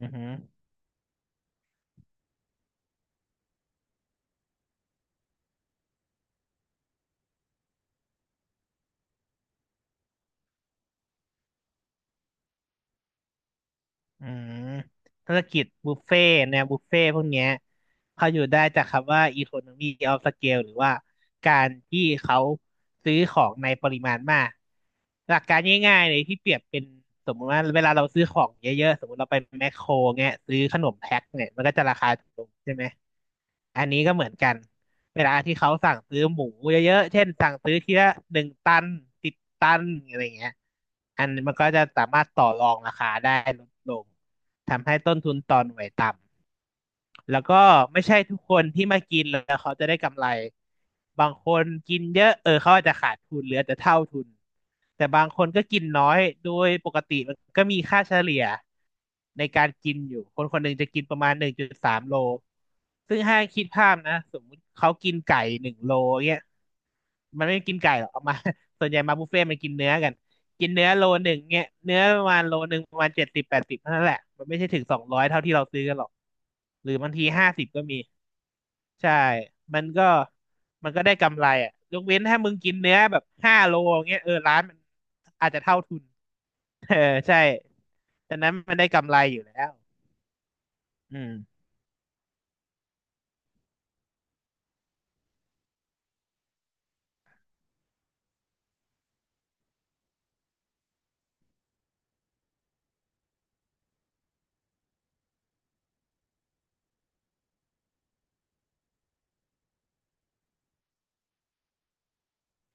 อือหืออืมธุรกิจบุฟเฟ่ต์แนวบุฟเฟ่ต์พวกเนี้ยเขาอยู่ได้จากคำว่า economy of scale หรือว่าการที่เขาซื้อของในปริมาณมากหลักการง่ายๆเลยที่เปรียบเป็นสมมติว่าเวลาเราซื้อของเยอะๆสมมติเราไปแมคโครเงี้ยซื้อขนมแพ็คเนี่ยมันก็จะราคาถูกลงใช่ไหม อันนี้ก็เหมือนกันเวลาที่เขาสั่งซื้อหมูเยอะๆเช่นสั่งซื้อทีละ1 ตัน10 ตันอะไรอเงี้ยอันมันก็จะสามารถต่อรองราคาได้ลดลงทำให้ต้นทุนต่อหน่วยต่ำแล้วก็ไม่ใช่ทุกคนที่มากินแล้วเขาจะได้กำไรบางคนกินเยอะเออเขาอาจจะขาดทุนเหลือแต่เท่าทุนแต่บางคนก็กินน้อยโดยปกติมันก็มีค่าเฉลี่ย ในการกินอยู่คนคนหนึ่งจะกินประมาณ1.3 โล ซึ่งถ้าคิดภาพนะสมมุติเขากินไก่1 โลเงี้ยมันไม่กินไก่หรอกเอามา ส่วนใหญ่มาบุฟเฟ่ต์มันกินเนื้อกัน กินเนื้อโลหนึ่งเงี้ยเนื้อประมาณโลหนึ่งประมาณ70 80เท่านั้นแหละมันไม่ใช่ถึง200เท่าที่เราซื้อกันหรอก หรือบางที50ก็มี ใช่ มันก็มันก็ได้กำไรอ่ะยกเว้นถ้ามึงกินเนื้อแบบ5 โลอย่างเงี้ยเออร้านมันอาจจะเท่าทุน เออใช่ฉะนั้นมันได้กำไรอยู่แล้ว อืม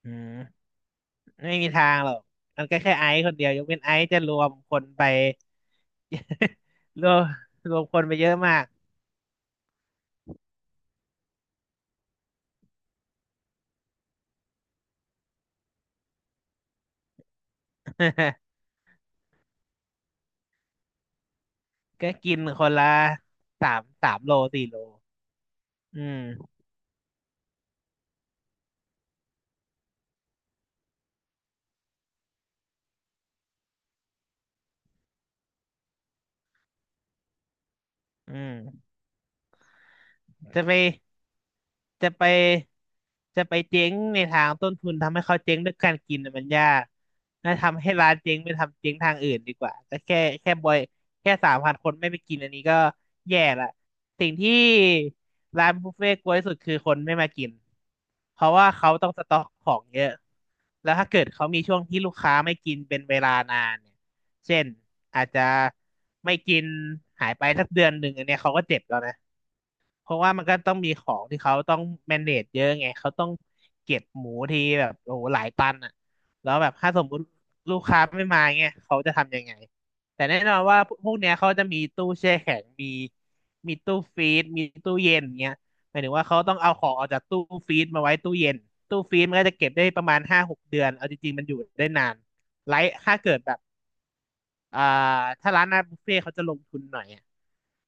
อืมไม่มีทางหรอกมันก็แค่ไอซ์คนเดียวยกเว้นไอซ์จะรวมคนไปรวม รวมคนไปเยอะมาก ก็กินคนละสามสามโลสี่โลอืมอืม จะไปจะไปจะไปเจ๊งในทางต้นทุนทำให้เขาเจ๊งด้วยการกินน่ะมันยากน่าทำให้ร้านเจ๊งไปทำเจ๊งทางอื่นดีกว่าก็แค่แค่บอยแค่3,000 คนไม่ไปกินอันนี้ก็แย่ละสิ่งที่ร้านบุฟเฟ่ต์กลัวที่สุดคือคนไม่มากินเพราะว่าเขาต้องสต็อกของเยอะแล้วถ้าเกิดเขามีช่วงที่ลูกค้าไม่กินเป็นเวลานานเนี่ยเช่นอาจจะไม่กินหายไปสักเดือนหนึ่งอันเนี้ยเขาก็เจ็บแล้วนะ เพราะว่ามันก็ต้องมีของที่เขาต้อง manage เยอะไงเขาต้องเก็บหมูทีแบบโอ้โหหลายตันอ่ะแล้วแบบถ้าสมมุติลูกค้าไม่มาเงี้ยเขาจะทำยังไงแต่แน่นอนว่าพวกเนี้ยเขาจะมีตู้แช่แข็งมีตู้ฟรีซมีตู้เย็นเงี้ยหมายถึงว่าเขาต้องเอาของออกจากตู้ฟรีซมาไว้ตู้เย็นตู้ฟรีซมันก็จะเก็บได้ประมาณ5-6 เดือนเอาจริงๆมันอยู่ได้นานไลท์ถ้าเกิดแบบ อ่าถ้าร้านอาหารบุฟเฟ่ต์เขาจะลงทุนหน่อยอะ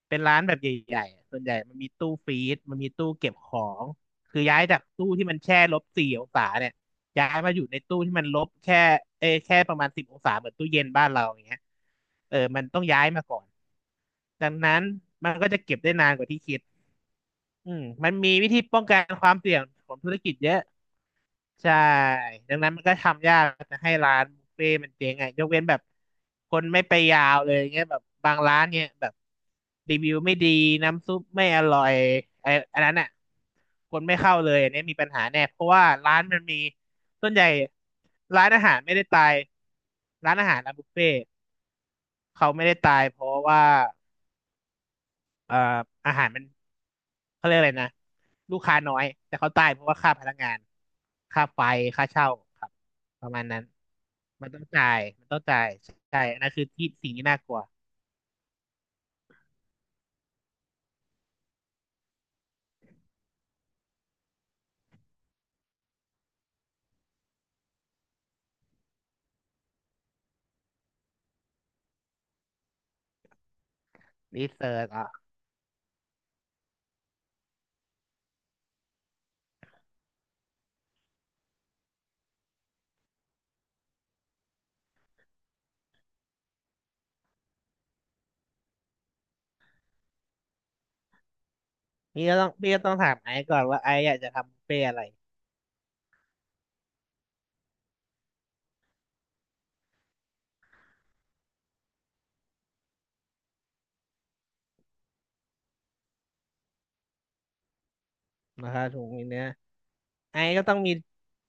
เป็นร้านแบบใหญ่ๆอะส่วนใหญ่มันมีตู้ฟรีซมันมีตู้เก็บของคือย้ายจากตู้ที่มันแช่-4 องศาเนี่ยย้ายมาอยู่ในตู้ที่มันลบแค่เอยแค่ประมาณ10 องศาเหมือนตู้เย็นบ้านเราอย่างเงี้ยเออมันต้องย้ายมาก่อนดังนั้นมันก็จะเก็บได้นานกว่าที่คิดอืมมันมีวิธีป้องกันความเสี่ยงของธุรกิจเยอะ ใช่ดังนั้นมันก็ทำยากจะให้ร้านบุฟเฟ่ต์มันเจ๊งไงยกเว้นแบบคนไม่ไปยาวเลยเงี้ยแบบบางร้านเนี่ยแบบรีวิวไม่ดีน้ำซุปไม่อร่อยไอ้อันนั้นอ่ะคนไม่เข้าเลยอันเนี้ยมีปัญหาแน่เพราะว่าร้านมันมีส่วนใหญ่ร้านอาหารไม่ได้ตายร้านอาหารร้านบุฟเฟ่ต์เขาไม่ได้ตายเพราะว่า เอ่ออาหารมันเขาเรียกอะไรนะลูกค้าน้อยแต่เขาตายเพราะว่าค่าพนักงานค่าไฟค่าเช่าครับประมาณนั้นมันต้องจ่ายมันต้องจ่ายใช่อันนั่นคือที่สิ่งที่น่ากลัวรีเสิร์ชอ่ะพี่ก็ต้องถามไอซ์ก่อนว่าไอซ์อยากจะทำบุฟเฟ่อะไรนะครับถุงนี้เนี้ยไอซ์ก็ต้องมี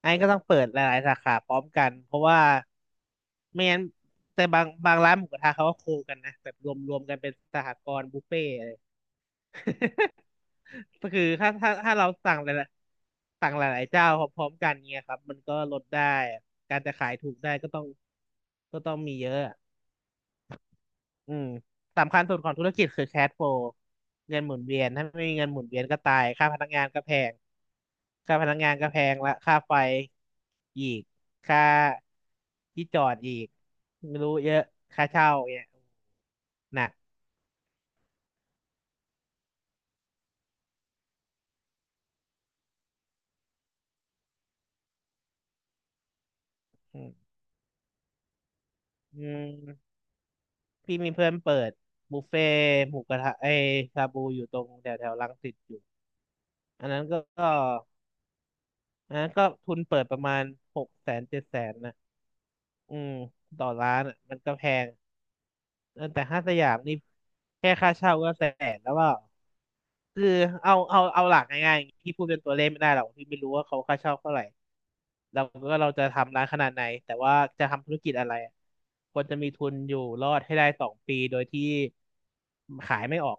ไอซ์ก็ต้องเปิดหลายๆสาขาพร้อมกันเพราะว่าไม่งั้นแต่บางร้านหมูกระทะเขาก็โคกันนะแบบรวมกันเป็นสหกรณ์บุฟเฟ่ ก็คือถ้าเราสั่งหลายๆสั่งหลายๆเจ้าพร้อมๆกันเงี้ยครับมันก็ลดได้การจะขายถูกได้ก็ต้องก็ต้องมีเยอะอืมสำคัญสุดของธุรกิจคือแคชโฟลเงินหมุนเวียนถ้าไม่มีเงินหมุนเวียนก็ตายค่าพนักงานก็แพงค่าพนักงานก็แพงละค่าไฟอีกค่าที่จอดอีกไม่รู้เยอะค่าเช่าเนี่ยหนักอืม พี่มีเพื่อนเปิดบุฟเฟ่ต์หมูกระทะไอชาบูอยู่ตรงแถวแถวรังสิตอยู่อันนั้นก็อันนั้นก็ทุนเปิดประมาณหกแสนเจ็ดแสนนะอืมต่อร้านอ่ะมันก็แพงเออแต่ห้างสยามนี่แค่ค่าเช่าก็แสนแล้วว่าคือเอาหลักง่ายๆพี่พูดเป็นตัวเลขไม่ได้หรอกพี่ไม่รู้ว่าเขาค่าเช่าเท่าไหร่เราก็เราจะทำร้านขนาดไหนแต่ว่าจะทำธุรกิจอะไรอะควรจะมีทุนอยู่รอดให้ได้สองปีโดยที่ขายไม่ออก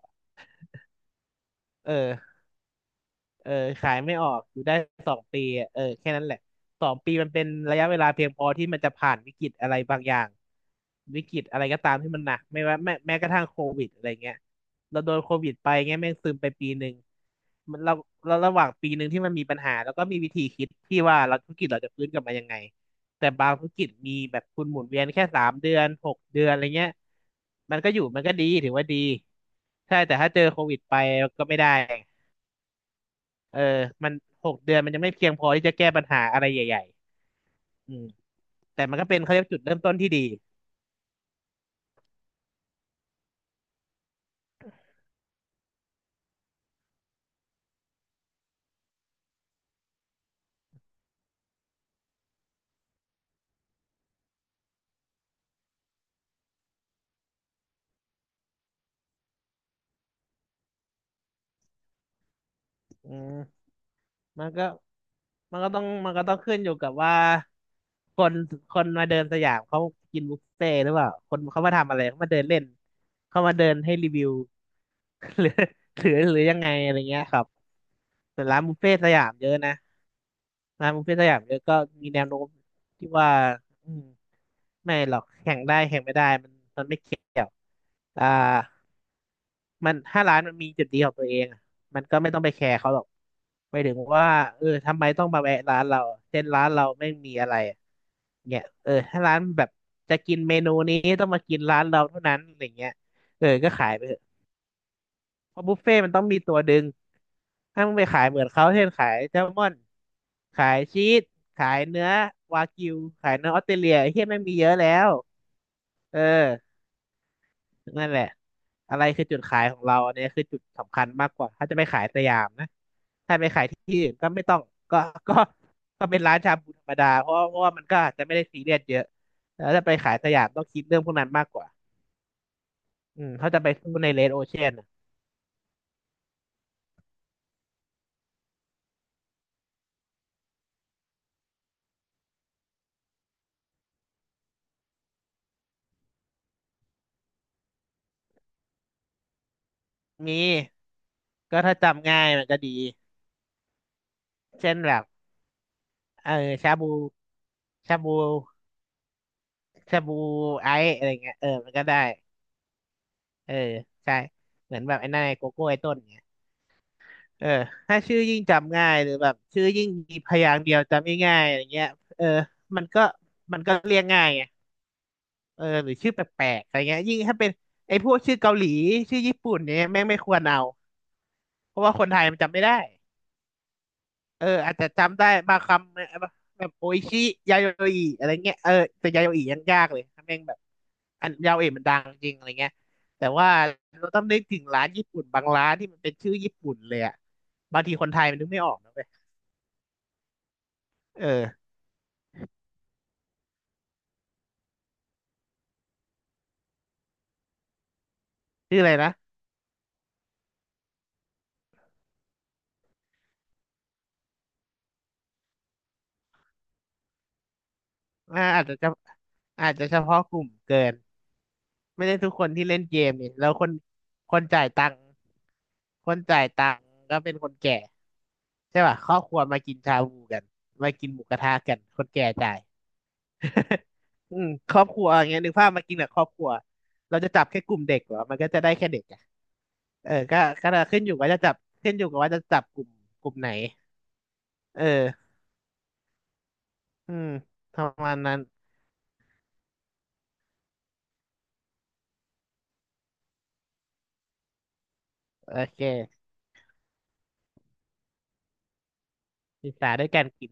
เออ เออขายไม่ออกอยู่ได้สองปีอะเออแค่นั้นแหละสองปีมันเป็นระยะเวลาเพียงพอที่มันจะผ่านวิกฤตอะไรบางอย่างวิกฤตอะไรก็ตามที่มันหนักไม่ว่าแม้กระทั่งโควิดอะไรเงี้ยเราโดนโควิดไปเงี้ยแม่งซึมไปปีหนึ่งมันเราเราระหว่างปีหนึ่งที่มันมีปัญหาแล้วก็มีวิธีคิดที่ว่าเราธุรกิจเราจะฟื้นกลับมายังไงแต่บางธุรกิจมีแบบทุนหมุนเวียนแค่สามเดือนหกเดือนอะไรเงี้ยมันก็อยู่มันก็ดีถือว่าดีใช่แต่ถ้าเจอโควิดไปก็ไม่ได้ เออมันหกเดือนมันยังไม่เพียงพอที่จะแก้ปัญหาอะไรใหญ่ๆอืมแต่มันก็เป็นเขาเรียกจุดเริ่มต้นที่ดีอืมมันก็มันก็ต้องขึ้นอยู่กับว่าคนคนมาเดินสยามเขากินบุฟเฟ่ต์หรือเปล่าคนเขามาทำอะไรเขามาเดินเล่นเขามาเดินให้รีวิว หรือหรือยังไงอะไรเงี้ยครับแต่ร้านบุฟเฟ่ต์สยามเยอะนะ ร้านบุฟเฟ่ต์สยามเยอะก็มีแนวโน้มที่ว่าอืมไม่หรอกแข่งได้แข่งไม่ได้มันไม่เกี่ยวอ่ามันถ้าร้านมันมีจุดดีของตัวเองอะมันก็ไม่ต้องไปแคร์เขาหรอกไปถึงว่าเออทำไมต้องมาแวะร้านเราเช่นร้านเราไม่มีอะไรอะเนี่ยเออถ้าร้านแบบจะกินเมนูนี้ต้องมากินร้านเราเท่านั้นอะไรเงี้ยเออก็ขายไปเถอะ เพราะบุฟเฟ่ต์มันต้องมีตัวดึงถ้ามึงไปขายเหมือนเขาเช่นขายแซลมอนขายชีสขายเนื้อวากิวขายเนื้อออสเตรเลียไอ้เฮียไม่งมีเยอะแล้วเออนั่นแหละอะไรคือจุดขายของเราอันนี้คือจุดสำคัญมากกว่าถ้าจะไปขายสยามนะถ้าไปขายที่อื่นก็ไม่ต้องก็ก็ก็เป็นร้านชาบูธรรมดาเพราะว่ามันก็อาจจะไม่ได้ซีเรียสเยอะแล้วถ้าไปขายสยามต้องคิดเรื่องพวกนั้นมากกว่าอืมเขาจะไปสู้ในเรดโอเชียนมีก็ถ้าจำง่ายมันก็ดี เช่นแบบเออชาบูชาบูชาบูไอซ์อะไรเงี้ยเออมันก็ได้เออใช่เหมือนแบบไอ้นายโกโก้ไอ้ต้นเงี้ยเออถ้าชื่อยิ่งจำง่ายหรือแบบชื่อยิ่งมีพยางค์เดียวจำง่ายๆอะไรเงี้ยเออมันก็มันก็เรียกง่ายไงเออหรือชื่อแปลกๆอะไรเงี้ยยิ่งถ้าเป็นไอ้พวกชื่อเกาหลีชื่อญี่ปุ่นเนี่ยแม่งไม่ควรเอาเพราะว่าคนไทยมันจำไม่ได้ เอออาจจะจำได้บางคำเนี่ยแบบโออิชิยาโยอิอะไรเงี้ยเออแต่ยาโยอิยังยากเลยถ้าแม่งแบบอันยาโยอิมันดังจริงอะไรเงี้ยแต่ว่าเราต้องนึกถึงร้านญี่ปุ่นบางร้านที่มันเป็นชื่อญี่ปุ่นเลยอะบางทีคนไทยมันนึกไม่ออกนะเว้ยเออชื่ออะไรนะอ่าอาจจะอาจจะเฉพาะกลุ่มเกินไม่ได้ทุกคนที่เล่นเกมนี่แล้วคนจ่ายตังค์คนจ่ายตังค์ก็เป็นคนแก่ใช่ป่ะครอบครัวมากินชาบูกันมากินหมูกระทะกันคนแก่จ่าย อืมครอบครัวอย่างเงี้ยนึกภาพมากินกับครอบครัวเราจะจับแค่กลุ่มเด็กเหรอมันก็จะได้แค่เด็กอะเออก็ขึ้นอยู่ว่าจะจับขึ้นอยู่กับว่าจะจับกลุ่มไหนเอออืมประมาณนั้นโอเคศึกษาด้วยการกิน